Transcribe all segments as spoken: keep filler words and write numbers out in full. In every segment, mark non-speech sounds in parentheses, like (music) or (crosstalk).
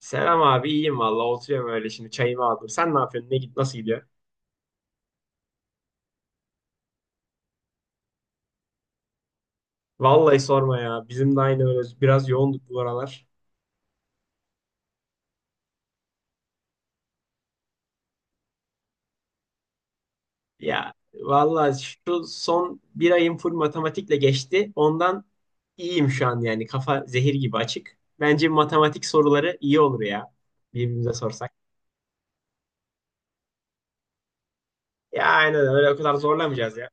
Selam abi iyiyim valla oturuyorum öyle şimdi çayımı aldım. Sen ne yapıyorsun? Ne git Nasıl gidiyor? Vallahi sorma ya. Bizim de aynı öyle biraz yoğunduk bu aralar. Ya valla şu son bir ayım full matematikle geçti. Ondan iyiyim şu an yani kafa zehir gibi açık. Bence matematik soruları iyi olur ya birbirimize sorsak. Ya aynen öyle o kadar zorlamayacağız ya.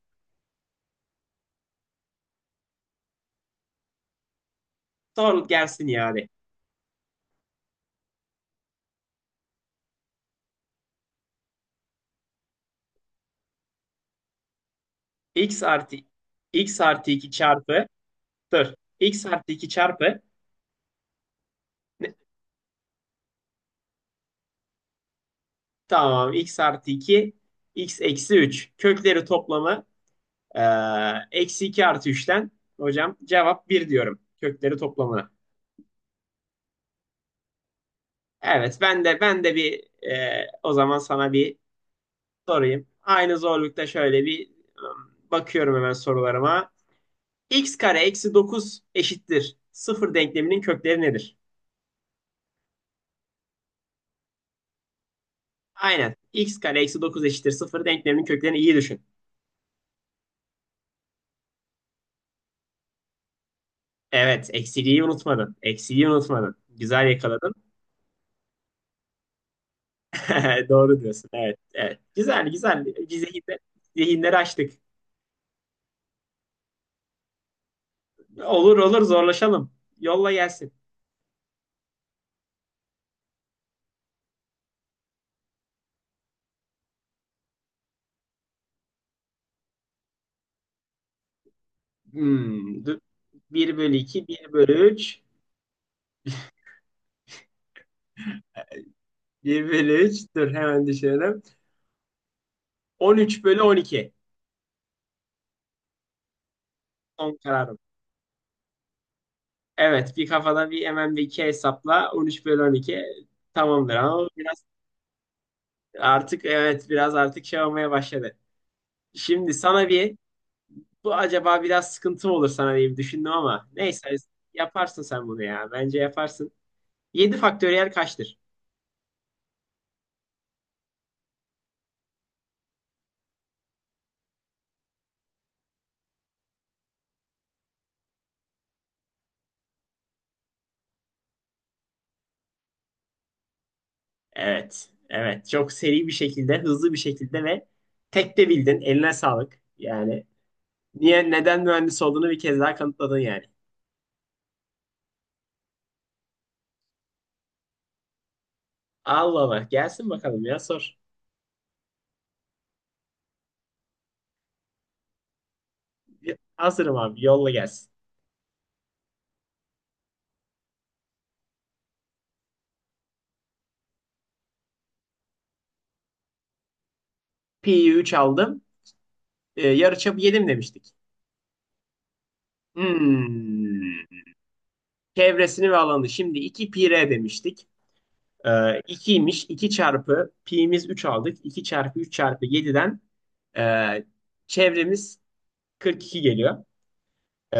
Sor gelsin yani. X artı X artı iki çarpı dur. X artı iki çarpı Tamam. X artı iki, X eksi üç. Kökleri toplamı e, eksi iki artı üçten. Hocam cevap bir diyorum. Kökleri toplamına. Evet, ben de ben de bir, e, o zaman sana bir sorayım. Aynı zorlukta şöyle bir, e, bakıyorum hemen sorularıma. X kare eksi dokuz eşittir sıfır denkleminin kökleri nedir? Aynen. X kare eksi dokuz eşittir sıfır denkleminin köklerini iyi düşün. Evet, eksiliği unutmadın. Eksiliği unutmadın. Güzel yakaladın. (laughs) Doğru diyorsun. Evet, evet. Güzel, güzel. Zihinler zihinleri açtık. Olur olur zorlaşalım. Yolla gelsin. Hmm, dur. bir bölü iki, bir bölü üç, bir bölü üç. Dur hemen düşünelim. On üç bölü on iki. Son kararım. Evet bir kafada bir hemen bir iki hesapla on üç bölü on iki tamamdır ama biraz artık evet biraz artık şey olmaya başladı. Şimdi sana bir Bu acaba biraz sıkıntı mı olur sana diye bir düşündüm ama neyse yaparsın sen bunu ya. Bence yaparsın. yedi faktöriyel kaçtır? Evet. Evet. Çok seri bir şekilde, hızlı bir şekilde ve tek de bildin. Eline sağlık. Yani niye neden mühendis olduğunu bir kez daha kanıtladın yani. Allah Allah. Gelsin bakalım ya sor. Hazırım abi. Yolla gelsin. Pi'yi üç aldım. Ee, yarıçapı yedim demiştik? Hmm. Çevresini ve alanı. Şimdi iki pi r demiştik. Ee, ikiymiş. iki çarpı pi'miz üç aldık. İki çarpı üç çarpı yediden e, çevremiz kırk iki geliyor. Ee,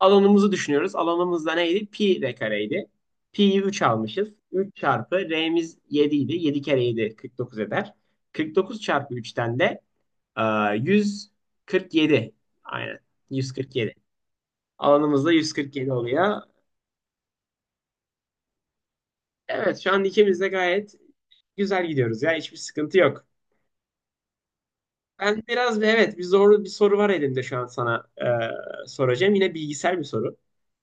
Alanımızı düşünüyoruz. Alanımız da neydi? Pi r kareydi. Pi'yi üç almışız. Üç çarpı r'miz yedi idi. yedi kere yedi kırk dokuz eder. Kırk dokuz çarpı üçten de e, yüz kırk yedi, aynen. Yüz kırk yedi. Alanımız da yüz kırk yedi oluyor. Evet şu an ikimiz de gayet güzel gidiyoruz ya. Hiçbir sıkıntı yok. Ben biraz evet bir zorlu bir soru var elimde şu an sana e, soracağım. Yine bilgisayar bir soru.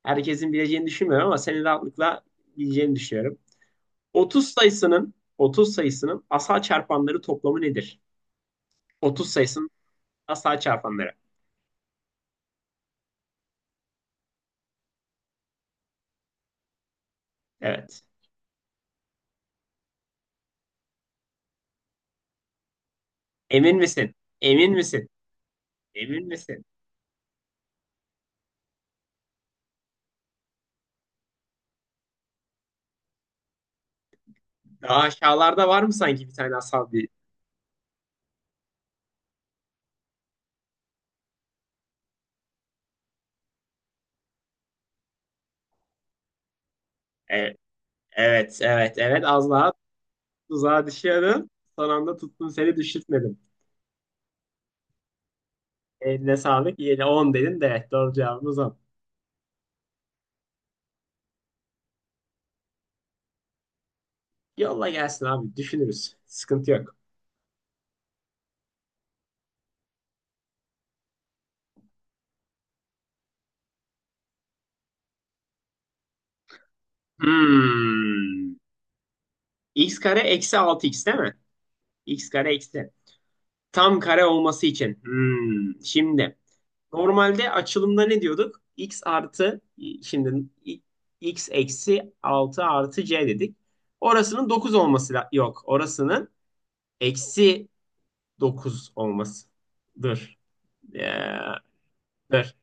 Herkesin bileceğini düşünmüyorum ama senin rahatlıkla bileceğini düşünüyorum. otuz sayısının otuz sayısının asal çarpanları toplamı nedir? otuz sayısının asal çarpanları. Evet. Emin misin? Emin misin? Emin misin? Daha aşağılarda var mı sanki bir tane asal bir? E, evet, evet, evet. Az daha tuzağa düşüyordun. Son anda tuttum seni düşürtmedim. Eline sağlık. Yine on dedin de evet, doğru cevabımız on. Yolla gelsin abi. Düşünürüz. Sıkıntı yok. Hmm. X kare eksi altı x değil mi? X kare eksi. Tam kare olması için. Hmm. Şimdi normalde açılımda ne diyorduk? X artı şimdi i- X eksi altı artı c dedik. Orasının dokuz olması la- yok. Orasının eksi dokuz olmasıdır. Ya, dır.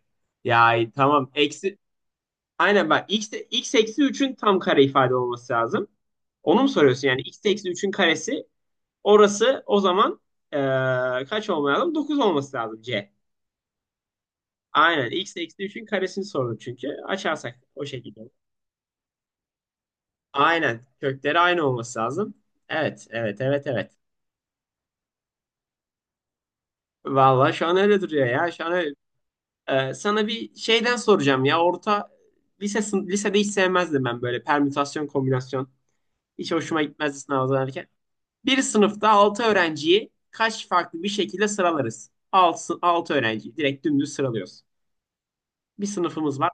Ya tamam. Eksi Aynen bak x, x eksi üçün tam kare ifade olması lazım. Onu mu soruyorsun? Yani x eksi üçün karesi orası o zaman eee, kaç olması lazım? dokuz olması lazım c. Aynen x eksi üçün karesini sordum çünkü. Açarsak o şekilde. Aynen kökleri aynı olması lazım. Evet evet evet evet. Vallahi şu an öyle duruyor ya. Şu an öyle- Eee, sana bir şeyden soracağım ya. Orta lise, sın- lisede hiç sevmezdim ben böyle permütasyon kombinasyon. Hiç hoşuma gitmezdi sınav hazırlanırken. Bir sınıfta altı öğrenciyi kaç farklı bir şekilde sıralarız? altı, altı öğrenciyi direkt dümdüz sıralıyoruz. Bir sınıfımız var.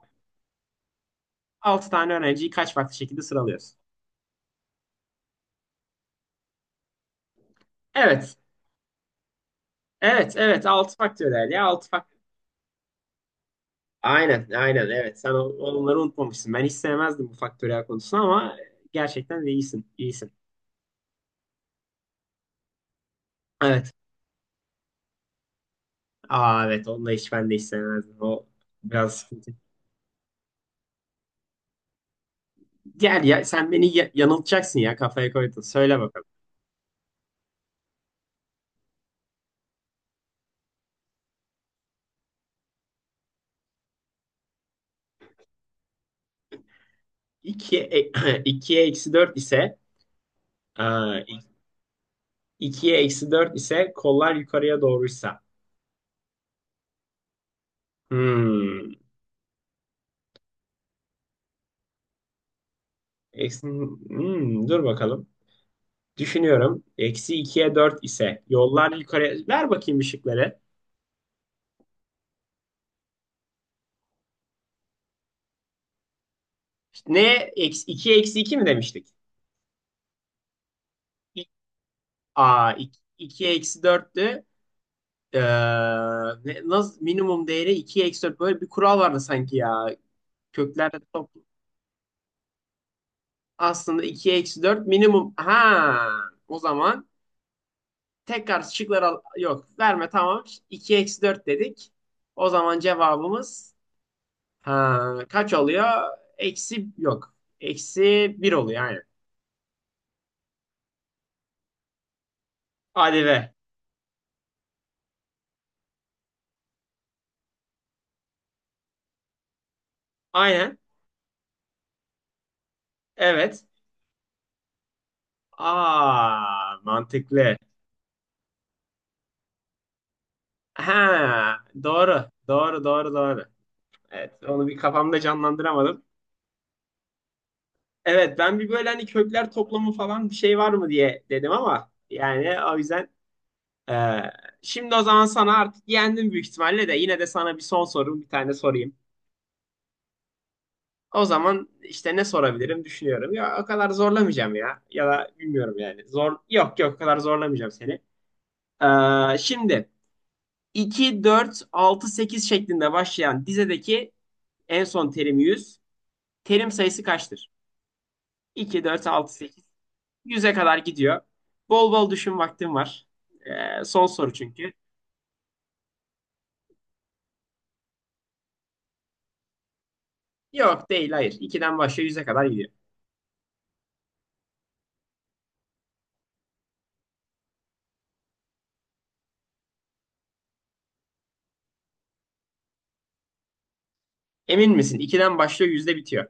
Altı tane öğrenciyi kaç farklı şekilde sıralıyoruz? Evet. Evet, evet. Altı faktöriyel ya. Altı faktöriyel. Aynen, aynen. Evet. Sen on- onları unutmamışsın. Ben hiç sevmezdim bu faktöriyel konusunu ama gerçekten de iyisin. İyisin. Evet. Aa evet. Onu da hiç ben de hiç sevmezdim. O biraz sıkıntı. Gel ya. Sen beni ya- yanıltacaksın ya. Kafaya koydun. Söyle bakalım. iki, ikiye (clears throat) eksi dört ise. Aa, ikiye eksi dört ise kollar yukarıya doğruysa. Hmm. Eksi, hmm, dur bakalım. Düşünüyorum. Eksi ikiye dört ise yollar yukarıya. Ver bakayım ışıkları. Ne? Eksi, ikiye eksi iki mi demiştik? İ- Aa, ikiye eksi dörttü. Ee, ne- Nasıl, minimum değeri ikiye eksi dört. Böyle bir kural vardı sanki ya. Köklerde top. Aslında ikiye eksi dört minimum. Ha, o zaman Tekrar şıkları al- yok. Verme tamam. iki eksi dört dedik. O zaman cevabımız ha, kaç oluyor? Eksi yok. Eksi bir oluyor aynen. Hadi be. Aynen. Evet. Aa mantıklı. Ha doğru. Doğru doğru doğru. Evet onu bir kafamda canlandıramadım. Evet ben bir böyle hani kökler toplamı falan bir şey var mı diye dedim ama yani o yüzden. Ee, Şimdi o zaman sana artık yendim büyük ihtimalle de yine de sana bir son sorum bir tane sorayım. O zaman işte ne sorabilirim düşünüyorum. Ya o kadar zorlamayacağım ya. Ya da bilmiyorum yani. Zor yok yok o kadar zorlamayacağım seni. Ee, şimdi iki dört altı sekiz şeklinde başlayan dizedeki en son terim yüz. Terim sayısı kaçtır? iki dört altı sekiz yüze kadar gidiyor. Bol bol düşün vaktin var. Ee, son soru çünkü. Yok değil hayır. ikiden başlıyor yüze kadar gidiyor. Emin misin? ikiden başlıyor, yüzde bitiyor.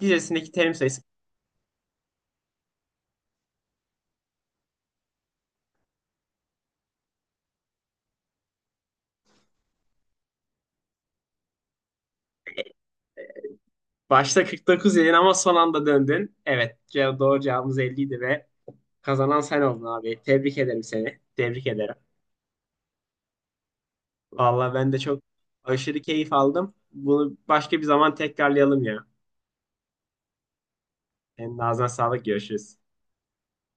Dizesindeki terim sayısı. Başta kırk dokuz dedin ama son anda döndün. Evet, ce- doğru cevabımız elli idi ve kazanan sen oldun abi. Tebrik ederim seni. Tebrik ederim. Vallahi ben de çok aşırı keyif aldım. Bunu başka bir zaman tekrarlayalım ya. Senin ağzına sağlık. Görüşürüz.